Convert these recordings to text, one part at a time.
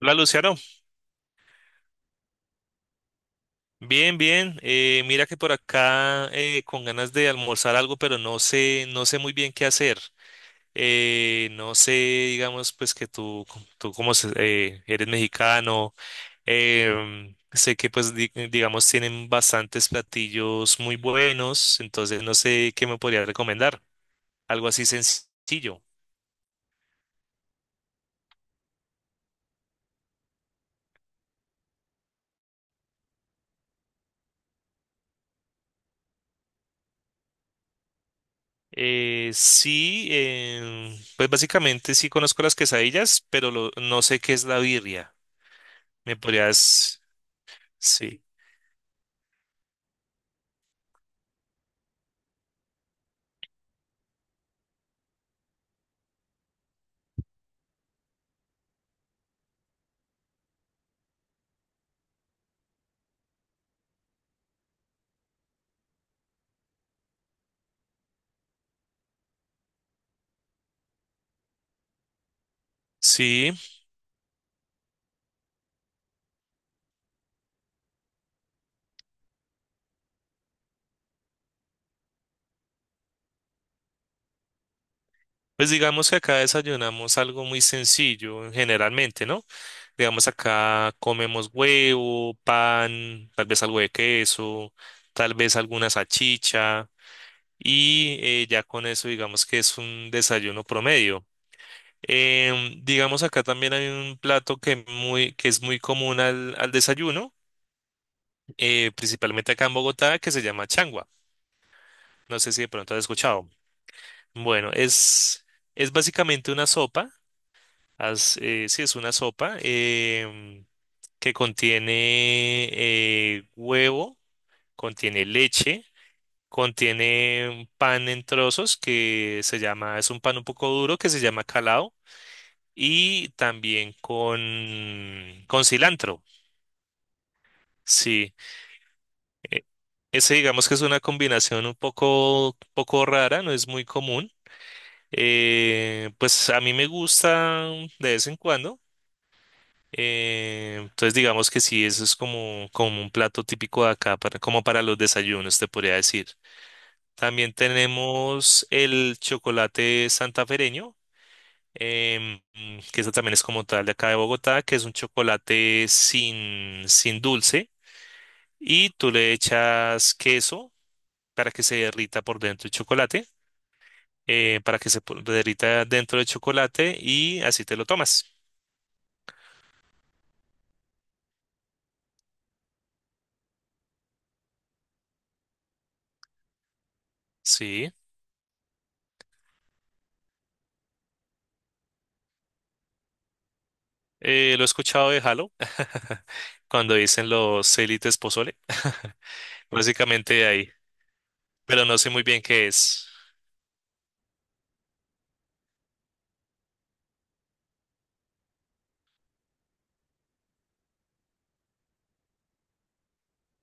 Hola Luciano, bien, bien. Mira que por acá con ganas de almorzar algo, pero no sé, no sé muy bien qué hacer. No sé, digamos, pues que tú como eres mexicano. Sé que pues digamos tienen bastantes platillos muy buenos, entonces no sé qué me podría recomendar. Algo así sencillo. Sí. Pues básicamente sí conozco las quesadillas, pero no sé qué es la birria. ¿Me podrías... Sí, sí, pues digamos que acá desayunamos algo muy sencillo generalmente, ¿no? Digamos acá comemos huevo, pan, tal vez algo de queso, tal vez alguna salchicha y ya con eso digamos que es un desayuno promedio. Digamos acá también hay un plato que es muy común al desayuno, principalmente acá en Bogotá, que se llama changua. No sé si de pronto has escuchado. Bueno, es básicamente una sopa. Haz, sí, es una sopa, que contiene huevo, contiene leche, contiene un pan en trozos que se llama, es un pan un poco duro que se llama calao y también con cilantro. Sí, e- ese digamos que es una combinación un poco, poco rara, no es muy común. Pues a mí me gusta de vez en cuando. Entonces digamos que sí, eso es como, como un plato típico de acá, para, como para los desayunos, te podría decir. También tenemos el chocolate santafereño, que eso también es como tal de acá de Bogotá, que es un chocolate sin dulce y tú le echas queso para que se derrita por dentro el chocolate, para que derrita dentro del chocolate y así te lo tomas. Sí. Lo he escuchado de Halo, cuando dicen los élites pozole. Básicamente de ahí. Pero no sé muy bien qué es.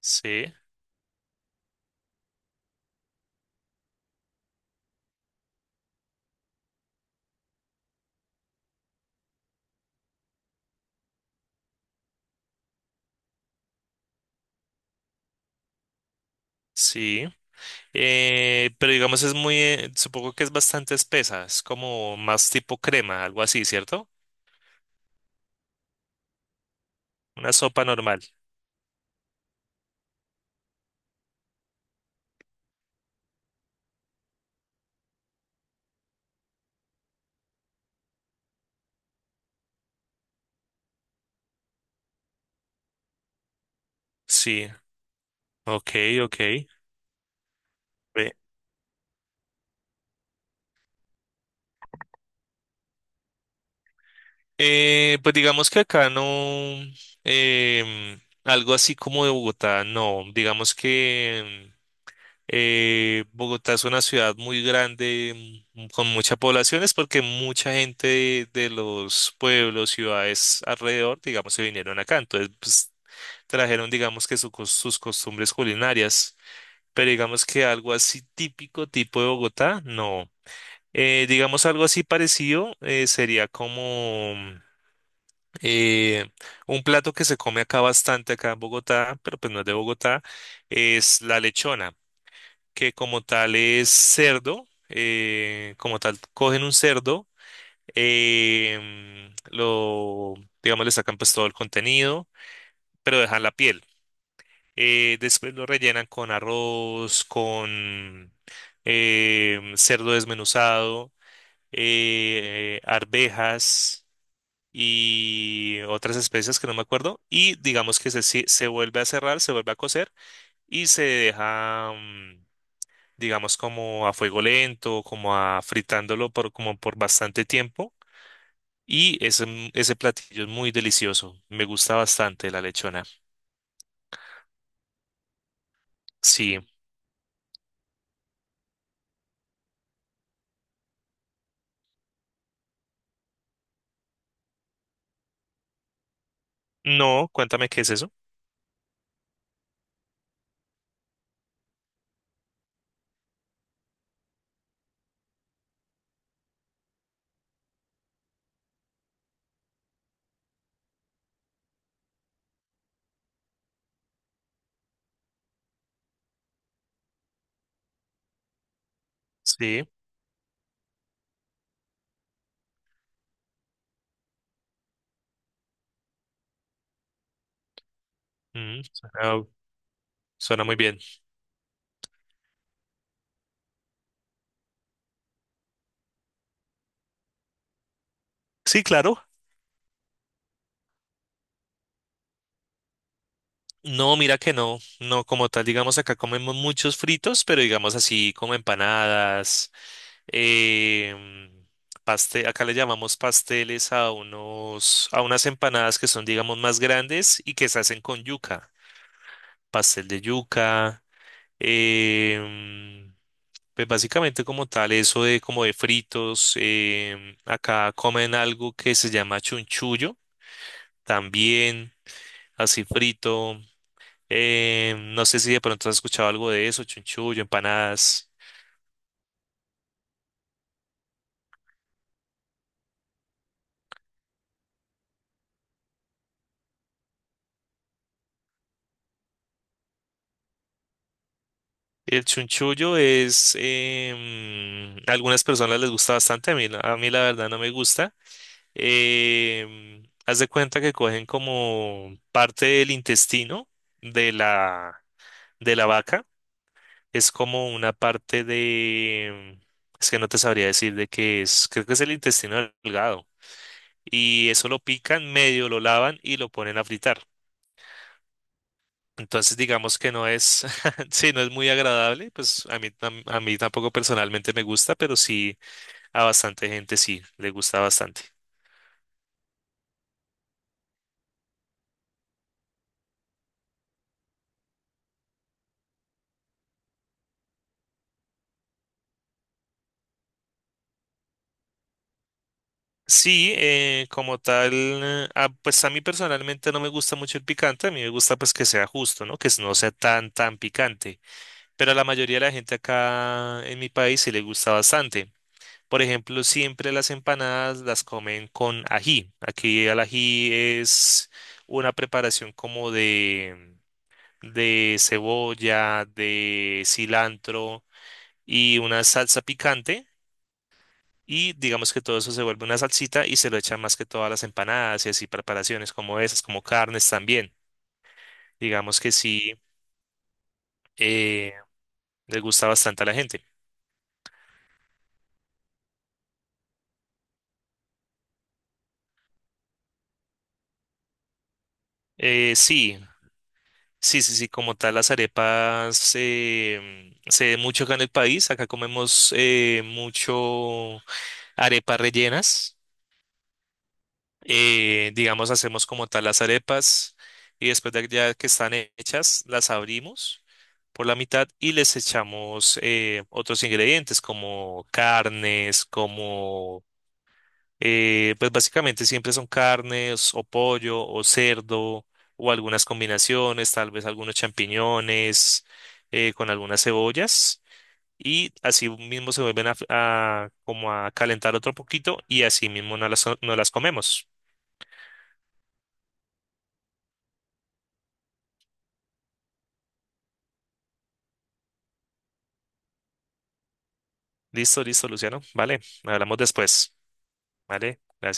Sí, sí. Pero digamos es muy, supongo que es bastante espesa. Es como más tipo crema, algo así, ¿cierto? Una sopa normal. Sí. Ok, ok. Ve. Pues digamos que acá no. Algo así como de Bogotá, no. Digamos que... Bogotá es una ciudad muy grande, con mucha población, es porque mucha gente de los pueblos, ciudades alrededor, digamos, se vinieron acá. Entonces, pues, trajeron, digamos, que su sus costumbres culinarias. Pero digamos que algo así típico, tipo de Bogotá, no. Digamos, algo así parecido sería como eh, un plato que se come acá bastante, acá en Bogotá, pero pues no es de Bogotá, es la lechona, que como tal es cerdo. Como tal cogen un cerdo, em, lo, digamos, le sacan pues todo el contenido, pero dejan la piel. Después lo rellenan con arroz, con cerdo desmenuzado, arvejas y otras especias que no me acuerdo. Y digamos que se vuelve a cerrar, se vuelve a cocer y se deja... digamos como a fuego lento, como a fritándolo por, como por bastante tiempo. Y ese platillo es muy delicioso. Me gusta bastante la lechona. Sí. No, cuéntame qué es eso. Sí. Suena, suena muy bien. Sí, claro. No, mira que no, no como tal, digamos acá comemos muchos fritos, pero digamos así como empanadas, em, acá le llamamos pasteles a unos, a unas empanadas que son digamos más grandes y que se hacen con yuca, pastel de yuca. em, pues básicamente como tal eso de como de fritos. Acá comen algo que se llama chunchullo, también así frito. No sé si de pronto has escuchado algo de eso, chunchullo, empanadas. El chunchullo es, a algunas personas les gusta bastante, a mí, a mí la verdad no me gusta. Haz de cuenta que cogen como parte del intestino de la, de la vaca, es como una parte de... es que no te sabría decir de qué es, creo que es el intestino delgado. Y eso lo pican, medio lo lavan y lo ponen a fritar. Entonces, digamos que no es, sí, no es muy agradable, pues a mí, a mí tampoco personalmente me gusta, pero sí a bastante gente sí, le gusta bastante. Sí, pues a mí personalmente no me gusta mucho el picante, a mí me gusta pues que sea justo, ¿no? Que no sea tan, tan picante, pero a la mayoría de la gente acá en mi país sí le gusta bastante. Por ejemplo, siempre las empanadas las comen con ají. Aquí el ají es una preparación como de cebolla, de cilantro y una salsa picante. Y digamos que todo eso se vuelve una salsita y se lo echan más que todas las empanadas y así preparaciones como esas, como carnes también. Digamos que sí, eh, le gusta bastante a la gente. Sí, sí, sí, sí, como tal las arepas se ve mucho acá en el país. Acá comemos mucho arepas rellenas. Digamos, hacemos como tal las arepas y después de ya que están hechas, las abrimos por la mitad y les echamos otros ingredientes como carnes, como, pues básicamente siempre son carnes o pollo o cerdo o algunas combinaciones, tal vez algunos champiñones con algunas cebollas. Y así mismo se vuelven como a calentar otro poquito y así mismo no no las comemos. Listo, listo, Luciano. Vale, hablamos después. Vale, gracias.